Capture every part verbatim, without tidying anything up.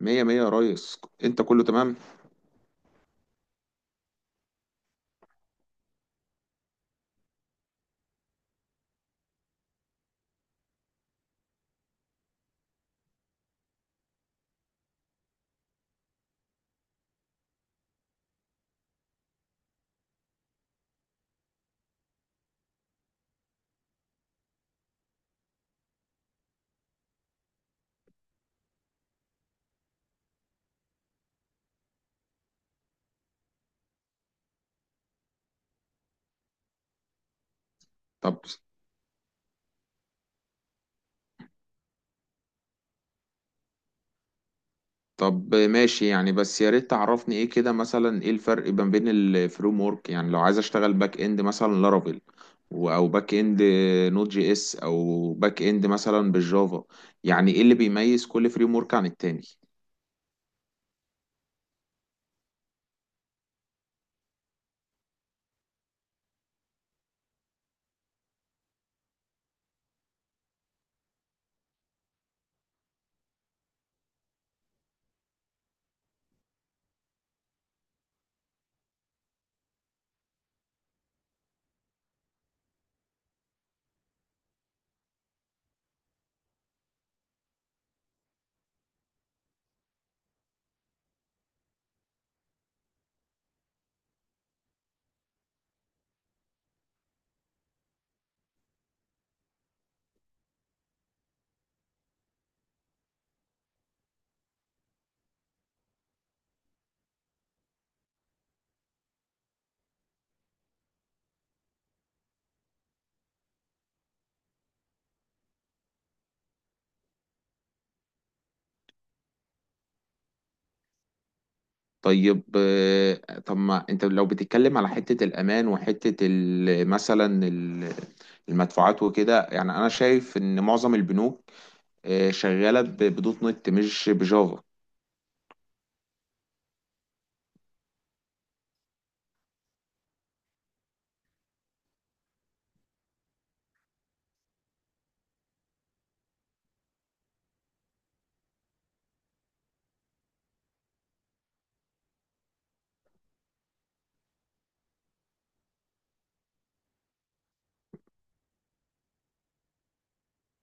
مية مية يا ريس، انت كله تمام. طب طب ماشي، يعني بس يا ريت تعرفني ايه كده، مثلا ايه الفرق ما بين الفريم ورك؟ يعني لو عايز اشتغل باك اند مثلا لارافيل، و- او باك اند نوت جي اس، او باك اند مثلا بالجافا. يعني ايه اللي بيميز كل فريم ورك عن التاني؟ طيب. آه، طب ما انت لو بتتكلم على حتة الامان وحتة ال- مثلا ال- المدفوعات وكده، يعني انا شايف ان معظم البنوك آه، شغالة ب- بدوت نت مش بجافا.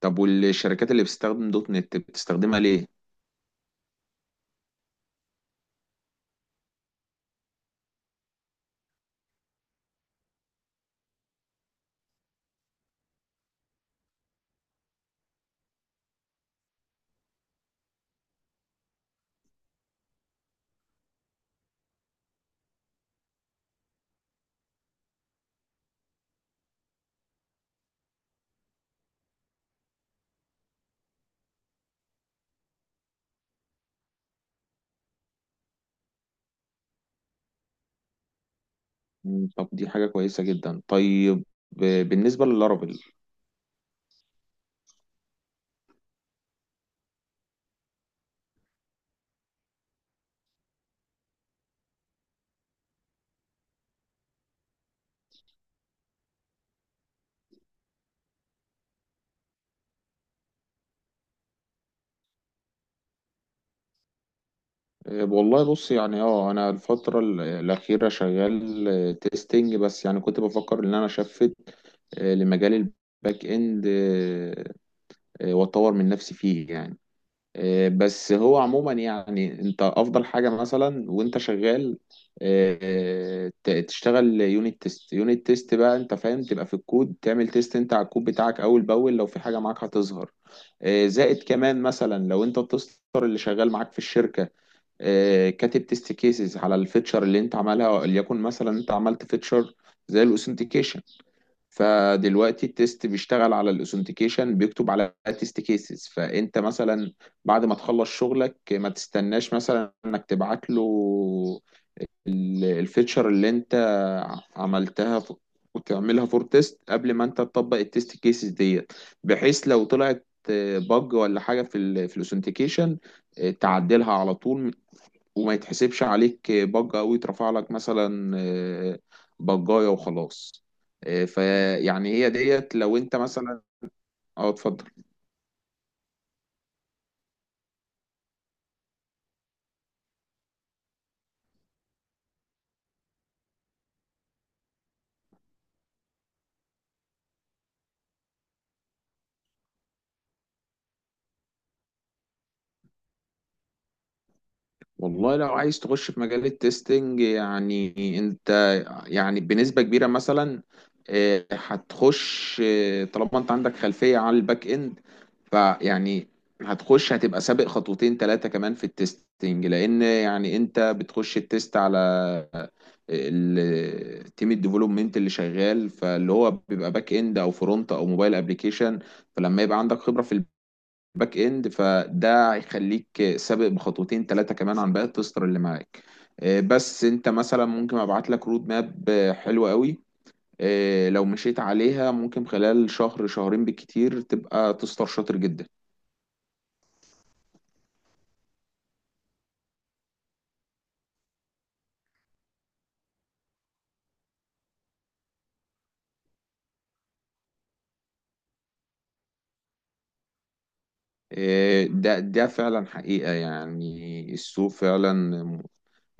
طب والشركات اللي بتستخدم دوت نت بتستخدمها ليه؟ مم، طب دي حاجة كويسة جدا. طيب آه، بالنسبة للارابل. آه، والله بص، يعني اه انا الفترة ال- الأخيرة شغال آه، تيستينج، بس يعني كنت بفكر ان انا شفت آه، لمجال الباك اند. آه، آه، واتطور من نفسي فيه يعني. آه، بس هو عموما، يعني انت افضل حاجه مثلا وانت شغال آه، آه، ت- تشتغل يونت تيست. يونت تيست بقى انت فاهم تبقى في الكود، تعمل تيست انت على الكود بتاعك اول باول، لو في حاجه معاك هتظهر. آه، زائد كمان مثلا لو انت التستر اللي شغال معاك في الشركه آه، كاتب تيست كيسز على الفيتشر اللي انت عملها. وليكن مثلا انت عملت فيتشر زي الاوثنتيكيشن، فدلوقتي التيست بيشتغل على الاوثنتيكيشن بيكتب على تيست كيسز. فانت مثلا بعد ما تخلص شغلك ما تستناش مثلا انك تبعت له ال- الفيتشر اللي انت عملتها، ف- وتعملها فور تيست قبل ما انت تطبق التيست كيسز ديت، بحيث لو طلعت بج ولا حاجه في ال في الاوثنتيكيشن تعدلها على طول، وما يتحسبش عليك بجة أو يترفع لك مثلا آه، بجاية وخلاص. آه، فيعني هي ديت لو أنت مثلا. أه، اتفضل. والله لو عايز تخش في مجال التستنج، يعني أنت يعني بنسبة كبيرة مثلا آه، هتخش آه، طالما أنت عندك خلفية على الباك إند، فيعني هتخش، هتبقى سابق خطوتين ثلاثة كمان في التستنج. لأن يعني أنت بتخش التست على التيم الديفلوبمنت اللي شغال، فاللي هو بيبقى باك اند او فرونت او موبايل ابلكيشن. فلما يبقى عندك خبره في الباك اند فده هيخليك سابق بخطوتين ثلاثه كمان عن باقي التستر اللي معاك. آه، بس انت مثلا ممكن ابعت لك رود ماب آه، حلوه قوي، آه، لو مشيت عليها ممكن خلال شهر شهرين بالكتير تبقى تستر شاطر جدا. آه، ده ده فعلا حقيقة، يعني السوق فعلا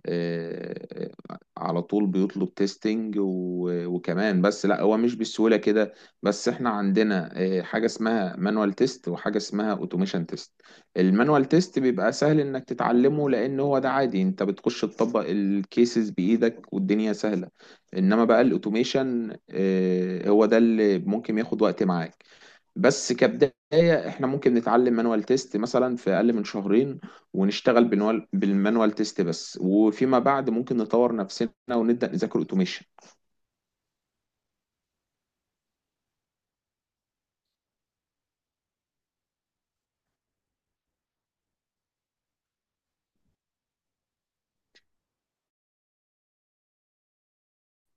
آه، على طول بيطلب تيستنج، و- وكمان بس لا، هو مش بالسهولة كده. بس احنا عندنا آه، حاجة اسمها مانوال تيست وحاجة اسمها اوتوميشن تيست. المانوال تيست بيبقى سهل انك تتعلمه، لان هو ده عادي انت بتخش تطبق الكيسز بايدك والدنيا سهلة. انما بقى الاوتوميشن آه، هو ده اللي ممكن ياخد وقت معاك. بس كبداية احنا ممكن نتعلم مانوال تيست مثلا في اقل من شهرين، ونشتغل بالمانوال بالمانوال تيست بس، وفيما بعد ممكن نطور نفسنا ونبدأ نذاكر اوتوميشن.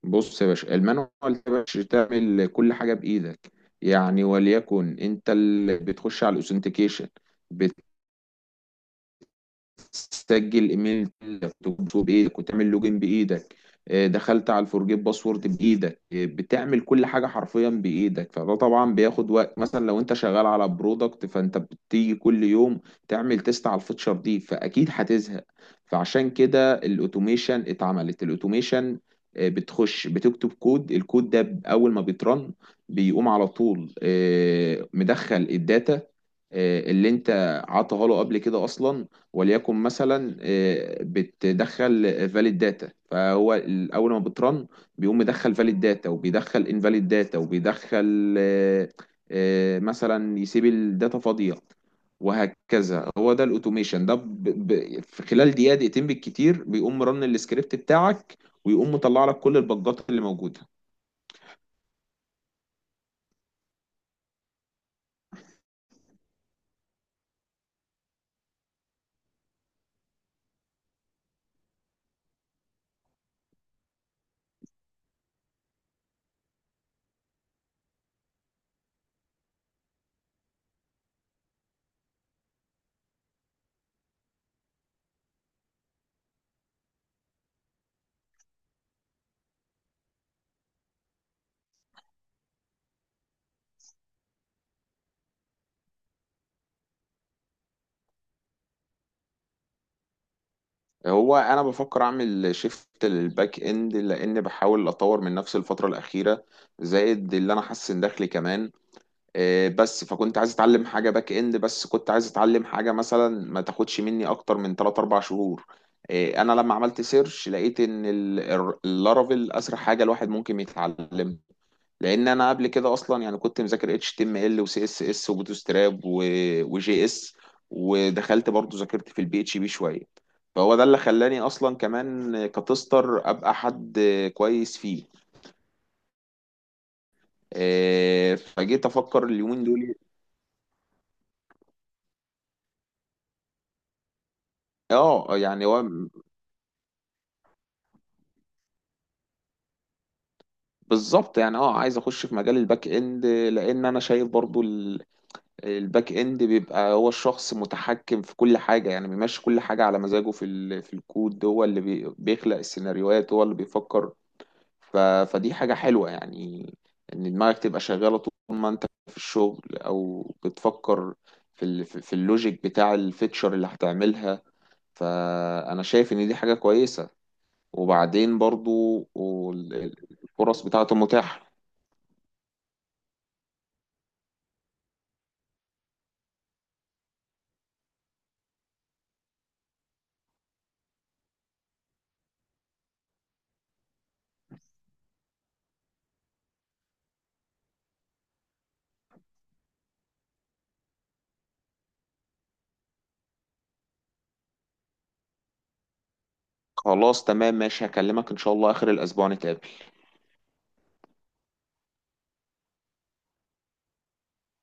بص يا باشا، المانوال ده يا باشا تعمل كل حاجة بإيدك. يعني وليكن انت اللي بتخش على الاوثنتيكيشن، سجل ايميل كنت بتكتبه بايدك، وتعمل لوجين بايدك، آه، دخلت على الفورجيت باسورد بايدك، آه، بتعمل كل حاجه حرفيا بايدك. فده طبعا بياخد وقت، مثلا لو انت شغال على برودكت فانت بتيجي كل يوم تعمل تيست على الفيتشر دي، فاكيد هتزهق. فعشان كده الاوتوميشن اتعملت. الاوتوميشن آه، بتخش بتكتب كود، الكود ده اول ما بيترن بيقوم على طول آه، مدخل الداتا آه، اللي انت عطاها له قبل كده اصلا. وليكن مثلا آه، بتدخل فاليد داتا، فهو ال- اول ما بترن بيقوم مدخل فاليد داتا وبيدخل انفاليد داتا وبيدخل آه، آه، مثلا يسيب الداتا فاضيه، وهكذا. هو ده الاوتوميشن. ده ب... ب... في خلال دقيقه دقيقتين بالكتير بيقوم رن السكريبت بتاعك ويقوم مطلع لك كل البجات اللي موجوده. هو انا بفكر اعمل شيفت للباك اند لان بحاول اطور من نفسي الفتره الاخيره، زائد اللي انا حاسس ان دخلي كمان آه، بس. فكنت عايز اتعلم حاجه باك اند، بس كنت عايز اتعلم حاجه مثلا ما تاخدش مني اكتر من ثلاثة أربعة شهور. آه، انا لما عملت سيرش لقيت ان اللارافيل اسرع حاجه الواحد ممكن يتعلمها، لان انا قبل كده اصلا يعني كنت مذاكر اتش تي ام ال وسي اس اس وبوتستراب وجي اس، ودخلت برضو ذاكرت في البي اتش بي شويه، فهو ده اللي خلاني اصلا كمان كتستر ابقى حد كويس فيه. آه، فجيت افكر اليومين دول. اه يعني هو بالظبط، يعني اه عايز اخش في مجال الباك اند، لان انا شايف برضو الباك اند بيبقى هو الشخص متحكم في كل حاجة. يعني بيمشي كل حاجة على مزاجه في ال... في الكود، هو اللي بي... بيخلق السيناريوهات، هو اللي بيفكر. ف... فدي حاجة حلوة، يعني ان دماغك تبقى شغالة طول ما انت في الشغل او بتفكر في ال... في في اللوجيك بتاع الفيتشر اللي هتعملها. فانا شايف ان دي حاجة كويسة. وبعدين برضو وال- الفرص بتاعته متاحة. خلاص تمام ماشي، هكلمك ان شاء الله اخر الاسبوع نتقابل.